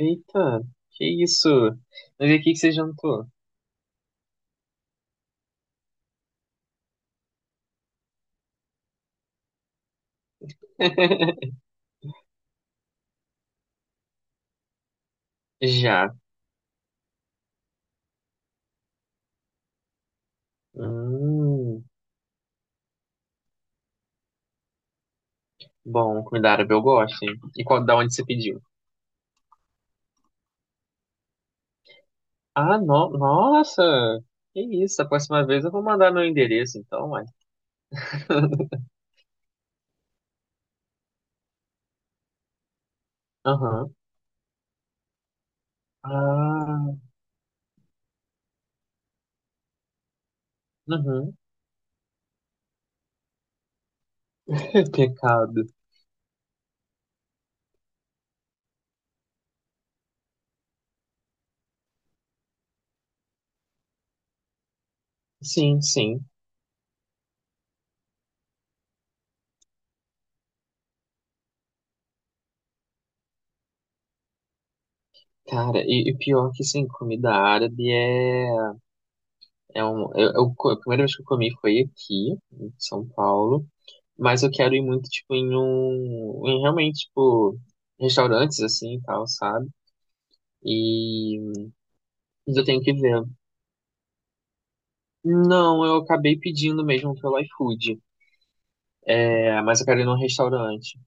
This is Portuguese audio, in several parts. Eita, que isso? Mas e o que que você jantou? Já. Hum, bom, comida árabe eu gosto, hein? E qual, da onde você pediu? Ah, no, nossa! Que isso, a próxima vez eu vou mandar meu endereço, então, uai. Aham. Ah, uhum. Pecado. Sim, sim. Cara, e pior que sim, comida árabe é, é um. A primeira vez que eu comi foi aqui, em São Paulo. Mas eu quero ir muito, tipo, em um. Em realmente, tipo, restaurantes assim e tal, sabe? E. Mas eu tenho que ver. Não, eu acabei pedindo mesmo pelo iFood. É, mas eu quero ir num restaurante.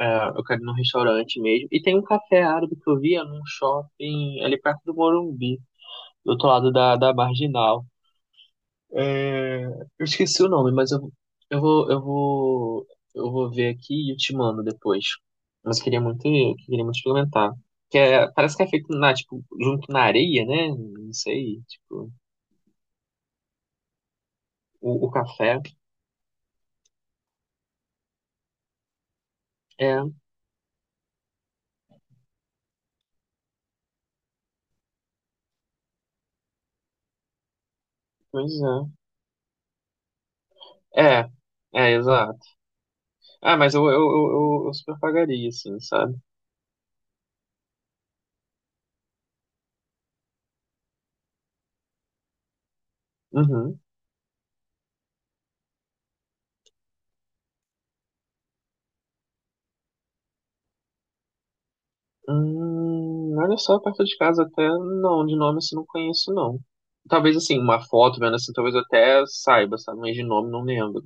É, eu quero ir num restaurante mesmo. E tem um café árabe que eu via num shopping ali perto do Morumbi, do outro lado da Marginal. É, eu esqueci o nome, mas eu vou, eu vou ver aqui e eu te mando depois. Mas eu queria muito experimentar. Que é, parece que é feito na, tipo, junto na areia, né? Não sei, tipo, o café. É, pois é. É, é, exato. Ah, mas eu super pagaria, assim, sabe? Uhum. Olha só, perto de casa até não, de nome assim não conheço, não. Talvez assim, uma foto vendo assim, talvez eu até saiba, sabe? Mas de nome não lembro.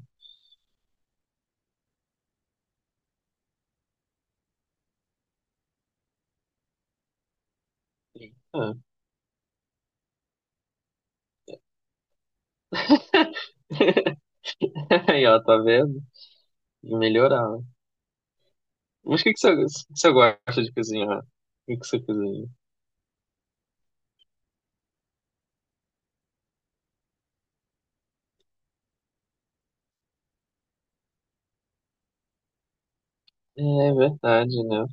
Ah. Aí, ó, tá vendo? Tem que melhorar, né? Mas o que você gosta de cozinhar? O que que você cozinha? É verdade, né?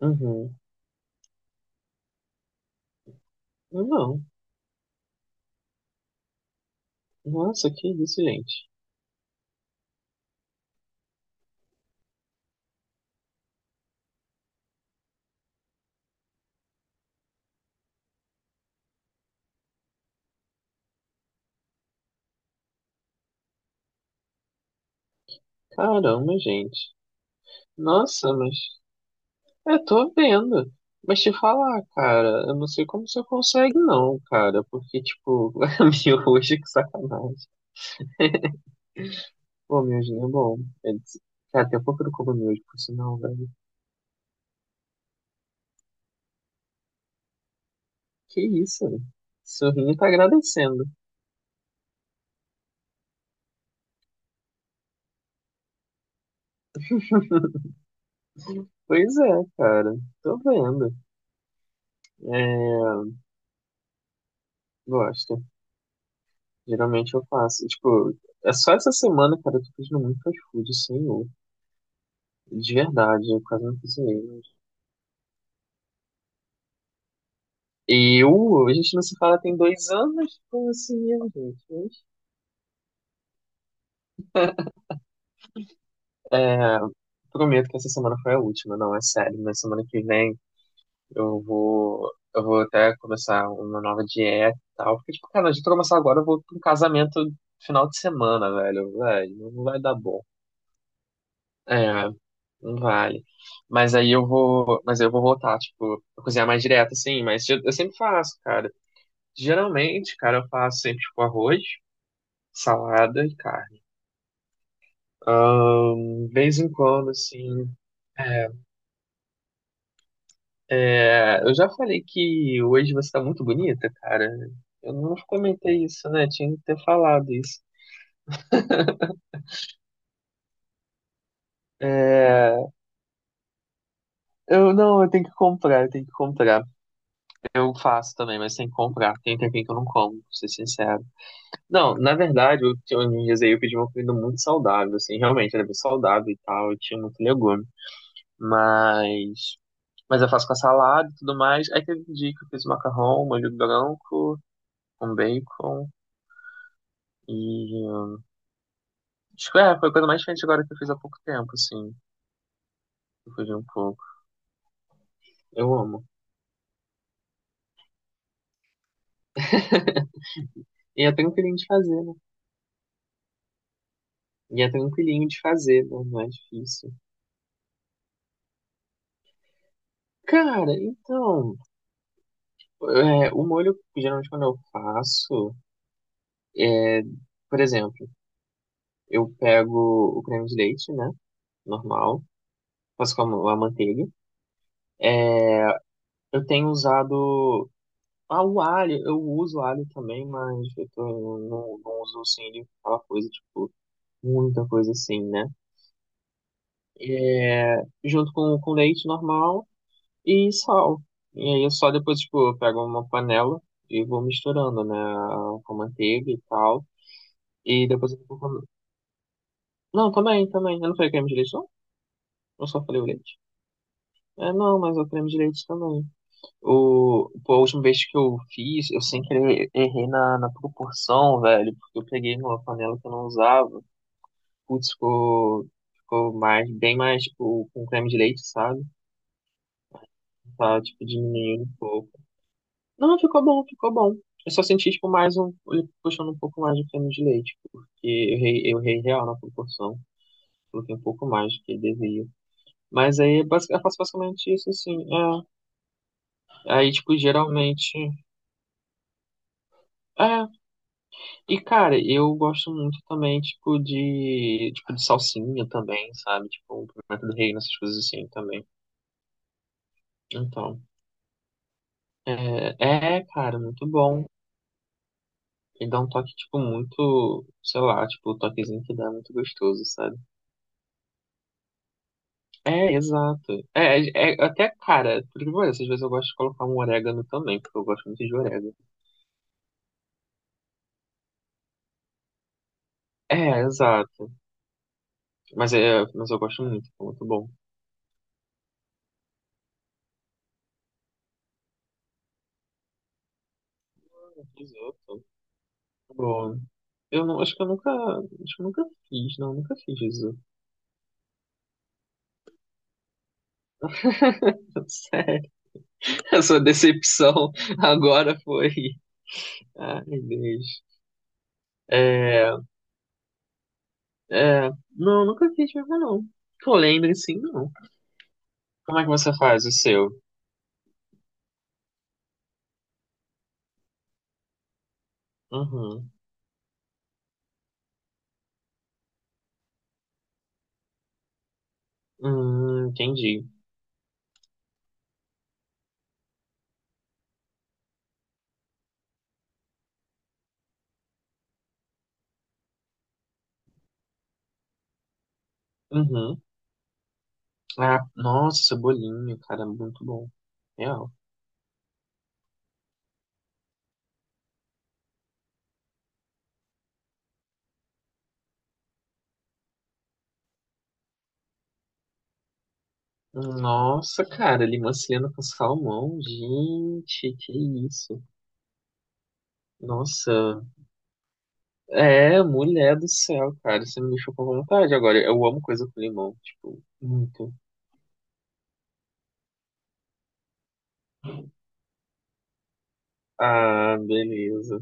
Uhum. Não. Nossa, que isso, gente? Caramba, gente. Nossa, mas eu tô vendo. Mas te falar, cara, eu não sei como você consegue, não, cara. Porque, tipo, miojo, que sacanagem. Pô, miojinho é bom. É des- Cara, até um pouco eu não como miojo, por sinal, velho. Que isso, né? Sorrinho tá agradecendo. Pois é, cara. Tô vendo. É, gosto. Geralmente eu faço. Tipo, é só essa semana, cara, eu tô pedindo muito fast food, senhor. De verdade, eu quase não cozinhei, mas... E eu, a gente não se fala tem dois anos? Como assim, meu gente? Mas prometo que essa semana foi a última, não, é sério. Na semana que vem eu vou. Eu vou até começar uma nova dieta e tal. Porque, tipo, cara, a gente começar agora, eu vou pra um casamento final de semana, velho. Velho, não vai dar bom. É, não vale. Mas aí eu vou, mas eu vou voltar, tipo, a cozinhar mais direto, assim, mas eu sempre faço, cara. Geralmente, cara, eu faço sempre, tipo, arroz, salada e carne. De vez em quando, assim, é, é, eu já falei que hoje você tá muito bonita, cara. Eu não comentei isso, né? Tinha que ter falado isso. É, eu não, eu tenho que comprar. Eu faço também, mas tem que comprar. Tem um tempinho que eu não como, pra ser sincero. Não, na verdade, uns dias aí eu pedi uma comida muito saudável, assim, realmente era bem saudável e tal, e tinha muito legume. Mas, mas eu faço com a salada e tudo mais. Aí teve um dia que eu fiz macarrão, molho branco, com bacon e... acho que é, foi a coisa mais diferente agora que eu fiz há pouco tempo, assim, eu fugi um pouco. Eu amo. E é tranquilinho de fazer, né? E é tranquilinho de fazer, né? Não é difícil. Cara, então, é, o molho, geralmente quando eu faço, por exemplo, eu pego o creme de leite, né? Normal. Faço com a manteiga. Eu tenho usado. Ah, o alho. Eu uso alho também, mas não, não uso assim ele aquela coisa, tipo, muita coisa assim, né? É, junto com leite normal e sal. E aí eu só depois, tipo, eu pego uma panela e vou misturando, né? Com manteiga e tal. E depois eu vou. Com- Não, também, também. Eu não falei creme de leite, não? Eu só falei o leite. É, não, mas é o creme de leite também. O, pô, a última vez que eu fiz, eu sem querer errei na, na proporção, velho, porque eu peguei numa panela que eu não usava. Putz, ficou mais, bem mais, tipo, com creme de leite, sabe? Tá, tipo, diminuindo um pouco. Não, ficou bom, ficou bom. Eu só senti, tipo, mais um, ele puxando um pouco mais de creme de leite, porque eu errei real na proporção. Coloquei um pouco mais do que devia. Mas aí, eu faço basicamente isso, assim. É. Aí, tipo, geralmente. É, e, cara, eu gosto muito também, tipo, de salsinha também, sabe? Tipo, um pimenta do reino, essas coisas assim também. Então, é, é, cara, muito bom. E dá um toque, tipo, muito, sei lá, tipo, o toquezinho que dá é muito gostoso, sabe? É, exato. É até, cara, por que parece, às vezes eu gosto de colocar um orégano também, porque eu gosto muito de orégano. É, exato. Mas, é, mas eu gosto muito, é muito bom. Risoto. Pô, eu não, acho que eu nunca fiz, não, nunca fiz isso. Sério, a sua decepção agora foi. Ai, Deus. É, não, nunca fiz mesmo, não. Que eu lembre, sim, não. Como é que você faz o seu? Uhum. Entendi. Uhum. Ah, nossa, cebolinho, cara, muito bom. Real. Nossa, cara, limão siciliano com salmão, gente, que isso. Nossa, é, mulher do céu, cara, você me deixou com vontade agora. Eu amo coisa com limão, tipo, muito. Ah, beleza.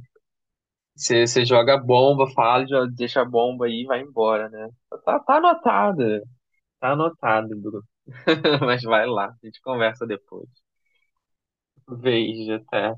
Você joga a bomba, fala, já deixa a bomba aí e vai embora, né? Tá, tá anotada, tá anotado, Bruno. Mas vai lá, a gente conversa depois. Beijo, até.